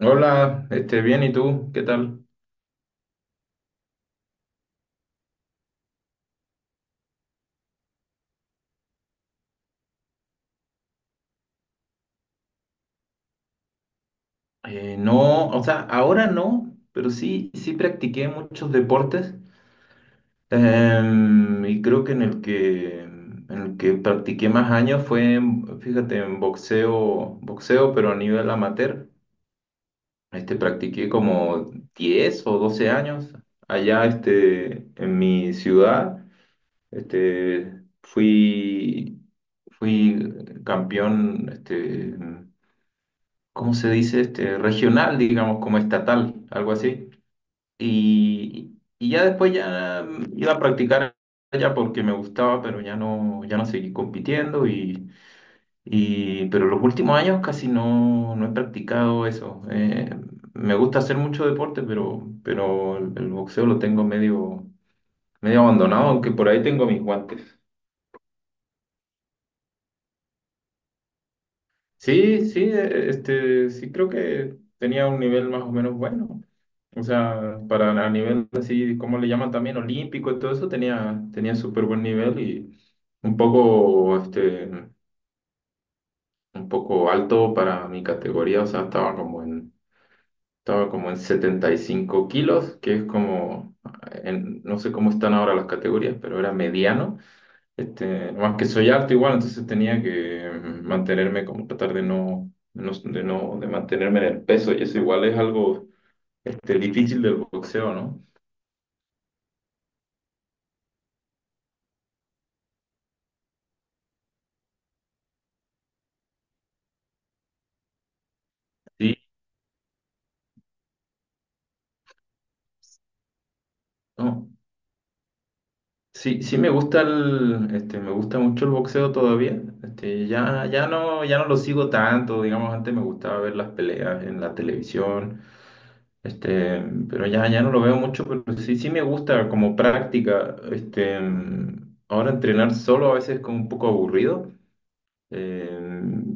Hola, bien, ¿y tú? ¿Qué tal? No, o sea, ahora no, pero sí, sí practiqué muchos deportes, y creo que en el que practiqué más años fue, fíjate, en boxeo, pero a nivel amateur. Practiqué como 10 o 12 años allá, en mi ciudad. Este, fui, fui campeón, ¿cómo se dice? Regional, digamos, como estatal, algo así. Y ya después ya iba a practicar allá porque me gustaba, pero ya no seguí compitiendo y pero los últimos años casi no, no he practicado eso. Me gusta hacer mucho deporte, pero el boxeo lo tengo medio abandonado, aunque por ahí tengo mis guantes. Sí, sí, sí creo que tenía un nivel más o menos bueno. O sea, para a nivel así, ¿cómo le llaman también? Olímpico y todo eso, tenía súper buen nivel y un poco, este, un poco alto para mi categoría. O sea, estaba como en 75 kilos, que es como, no sé cómo están ahora las categorías, pero era mediano. Más que soy alto igual, entonces tenía que mantenerme, como tratar de no, no- de no, de mantenerme en el peso y eso igual es algo, difícil del boxeo, ¿no? Sí. ¿No? Sí, sí, me gusta mucho el boxeo todavía. Ya no, ya no lo sigo tanto, digamos, antes me gustaba ver las peleas en la televisión, este, pero ya no lo veo mucho, pero sí, sí me gusta como práctica. Ahora entrenar solo a veces es como un poco aburrido, eh,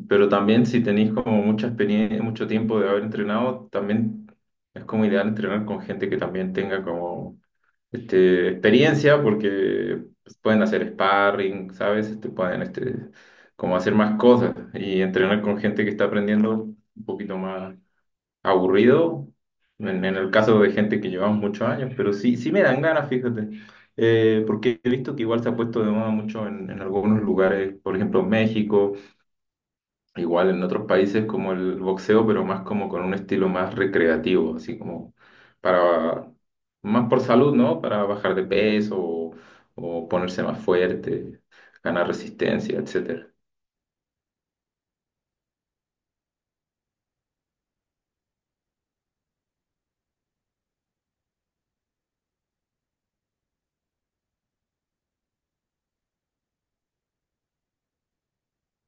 pero también si tenéis como mucha experiencia, mucho tiempo de haber entrenado, también es como ideal entrenar con gente que también tenga como experiencia porque pues, pueden hacer sparring, ¿sabes? Pueden como hacer más cosas y entrenar con gente que está aprendiendo un poquito más aburrido, en el caso de gente que llevamos muchos años, pero sí, sí me dan ganas, fíjate, porque he visto que igual se ha puesto de moda mucho en algunos lugares, por ejemplo, México. Igual en otros países como el boxeo, pero más como con un estilo más recreativo, así como para, más por salud, ¿no? Para bajar de peso o ponerse más fuerte, ganar resistencia, etcétera.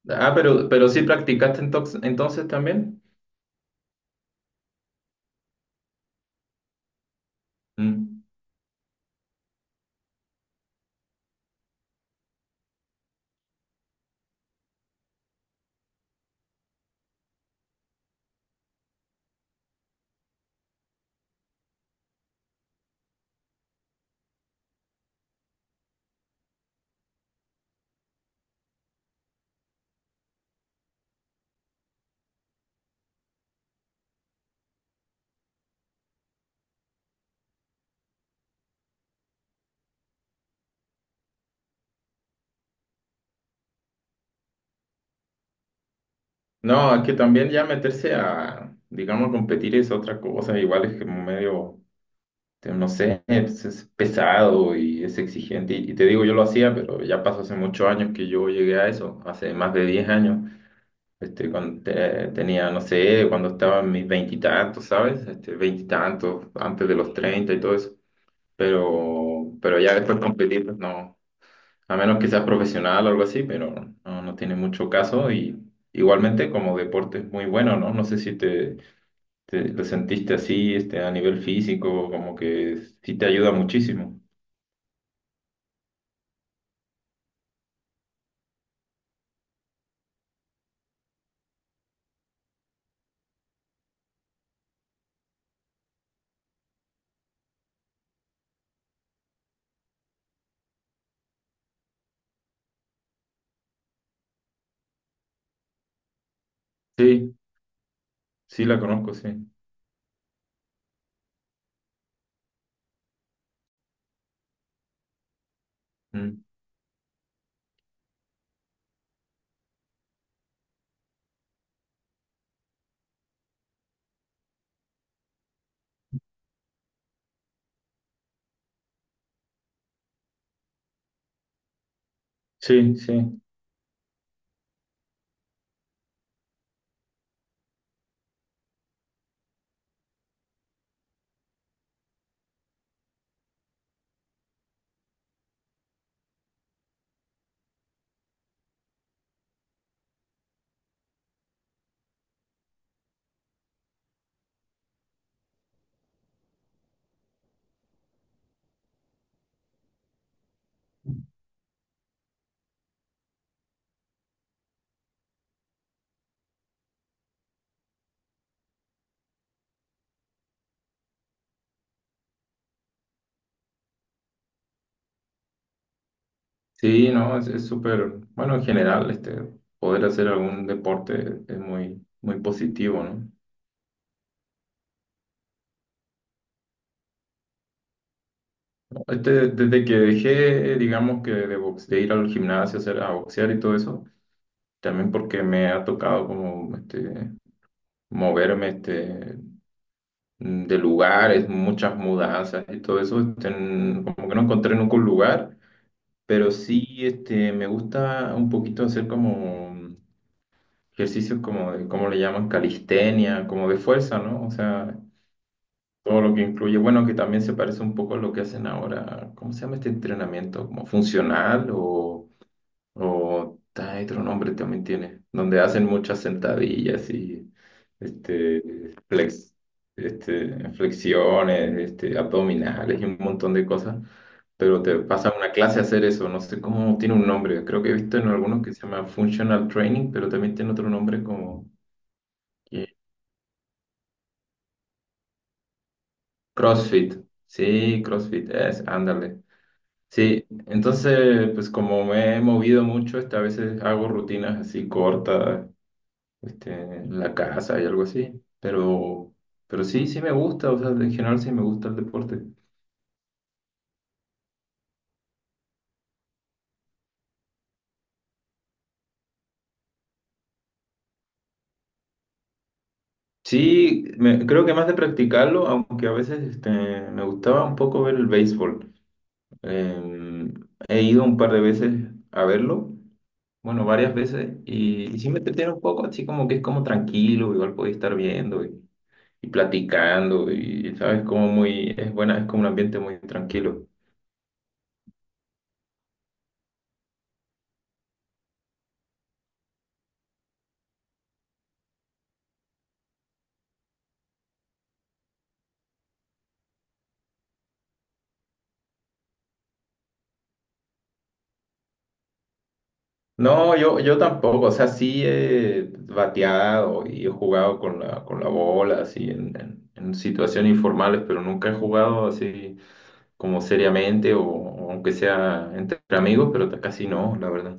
Ah, pero sí practicaste entonces también. Mm. No, es que también ya meterse a, digamos, competir es otra cosa, igual es que no sé, es pesado y es exigente. Y te digo, yo lo hacía, pero ya pasó hace muchos años que yo llegué a eso, hace más de 10 años. Tenía, no sé, cuando estaba en mis veintitantos, ¿sabes? Veintitantos, antes de los 30 y todo eso. Pero ya después competir, pues no, a menos que seas profesional o algo así, pero no tiene mucho caso. Y igualmente como deporte es muy bueno, ¿no? No sé si lo sentiste así, a nivel físico, como que sí te ayuda muchísimo. Sí, sí la conozco, sí. Mm. Sí, sí. Sí, no, es súper, bueno, en general, poder hacer algún deporte es muy, muy positivo, ¿no? Desde que dejé, digamos que de ir al gimnasio, hacer, a boxear y todo eso, también porque me ha tocado como, moverme, de lugares, muchas mudanzas y todo eso, como que no encontré nunca un lugar, pero sí, me gusta un poquito hacer como ejercicios como de, ¿cómo le llaman? Calistenia, como de fuerza, ¿no? O sea, todo lo que incluye, bueno, que también se parece un poco a lo que hacen ahora, ¿cómo se llama este entrenamiento? ¿Como funcional o otro nombre también tiene? Donde hacen muchas sentadillas y este, flex, flexiones, abdominales y un montón de cosas. Pero te pasa una clase a hacer eso, no sé cómo tiene un nombre. Creo que he visto en algunos que se llama Functional Training, pero también tiene otro nombre como y CrossFit, sí, CrossFit, ándale. Sí, entonces, pues como me he movido mucho, a veces hago rutinas así cortas, en la casa y algo así, pero, pero sí, sí me gusta, o sea, en general sí me gusta el deporte. Sí, creo que más de practicarlo, aunque a veces me gustaba un poco ver el béisbol. Em, He ido un par de veces a verlo. Bueno, varias veces y sí me entretiene un poco, así como que es como tranquilo, igual podía estar viendo y platicando y, ¿sabes? Como es buena, es como un ambiente muy tranquilo. No, yo tampoco, o sea, sí he bateado y he jugado con con la bola, así, en situaciones informales, pero nunca he jugado así como seriamente o aunque sea entre amigos, pero casi no, la verdad.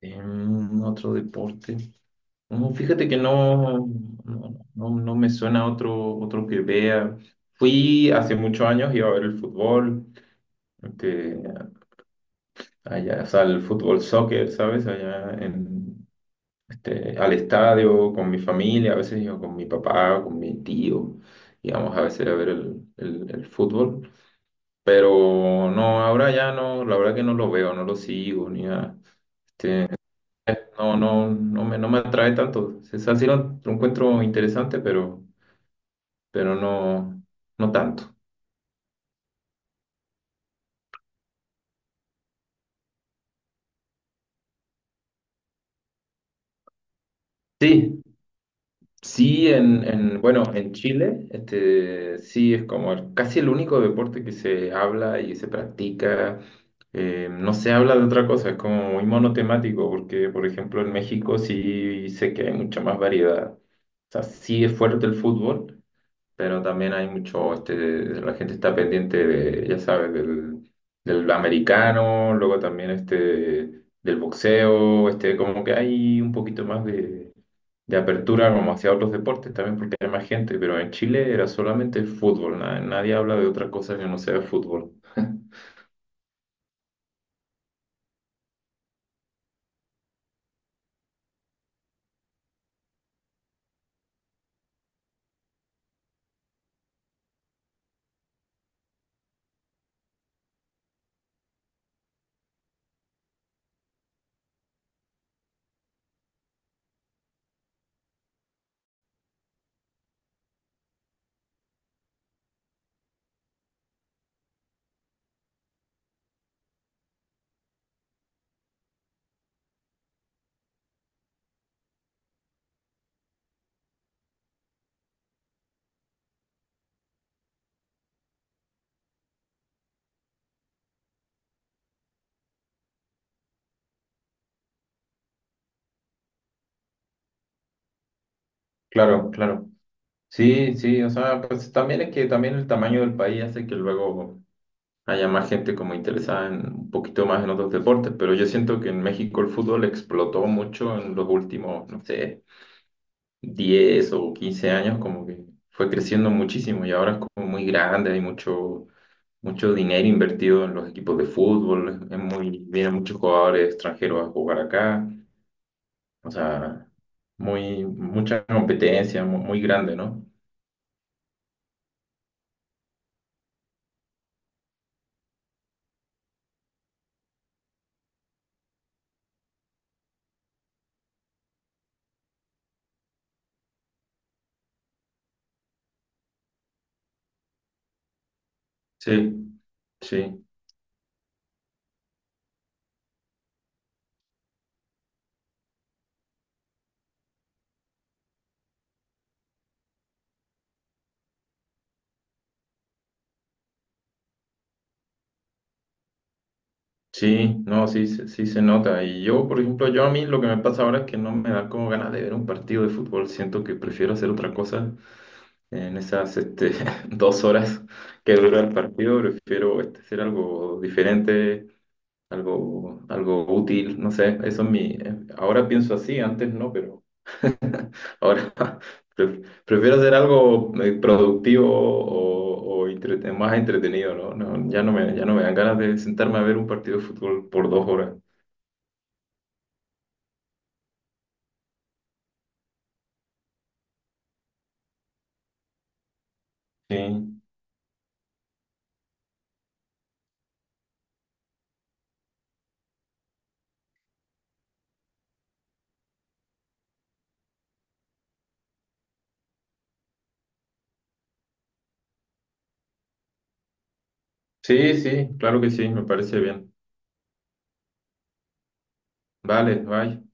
Otro deporte. No, fíjate que no, no me suena otro que vea. Fui hace muchos años, iba a ver el fútbol, que allá, o sea, el fútbol soccer, ¿sabes? Al estadio con mi familia, a veces iba con mi papá, con mi tío, íbamos a veces a ver el fútbol. Pero no, ahora ya no, la verdad que no lo veo, no lo sigo, ni nada. No, no, no me atrae tanto. O sea, sí lo encuentro interesante, pero no, no tanto. Sí, sí, bueno, en Chile, sí es como casi el único deporte que se habla y se practica. No se habla de otra cosa, es como muy monotemático, porque por ejemplo en México sí sé que hay mucha más variedad. O sea, sí es fuerte el fútbol, pero también hay mucho, la gente está pendiente de, ya sabes, del americano, luego también del boxeo, como que hay un poquito más de apertura como hacia otros deportes también porque hay más gente, pero en Chile era solamente el fútbol, nadie habla de otra cosa que no sea el fútbol. Claro, claro. Sí, sí, o sea, pues también es que también el tamaño del país hace que luego haya más gente como interesada en un poquito más en otros deportes, pero yo siento que en México el fútbol explotó mucho en los últimos, no sé, 10 o 15 años, como que fue creciendo muchísimo y ahora es como muy grande, hay mucho, mucho dinero invertido en los equipos de fútbol, vienen muchos jugadores extranjeros a jugar acá, o sea, mucha competencia, muy, grande, ¿no? Sí, sí. Sí, no, sí, sí se nota. Y yo, por ejemplo, yo a mí lo que me pasa ahora es que no me da como ganas de ver un partido de fútbol. Siento que prefiero hacer otra cosa en esas 2 horas que dura el partido. Prefiero hacer algo diferente, algo útil. No sé, eso es ahora pienso así, antes no, pero ahora prefiero hacer algo productivo o más entretenido, ¿no? No, ya no me dan ganas de sentarme a ver un partido de fútbol por 2 horas. Sí, sí, sí, claro que sí, me parece bien. Vale, bye.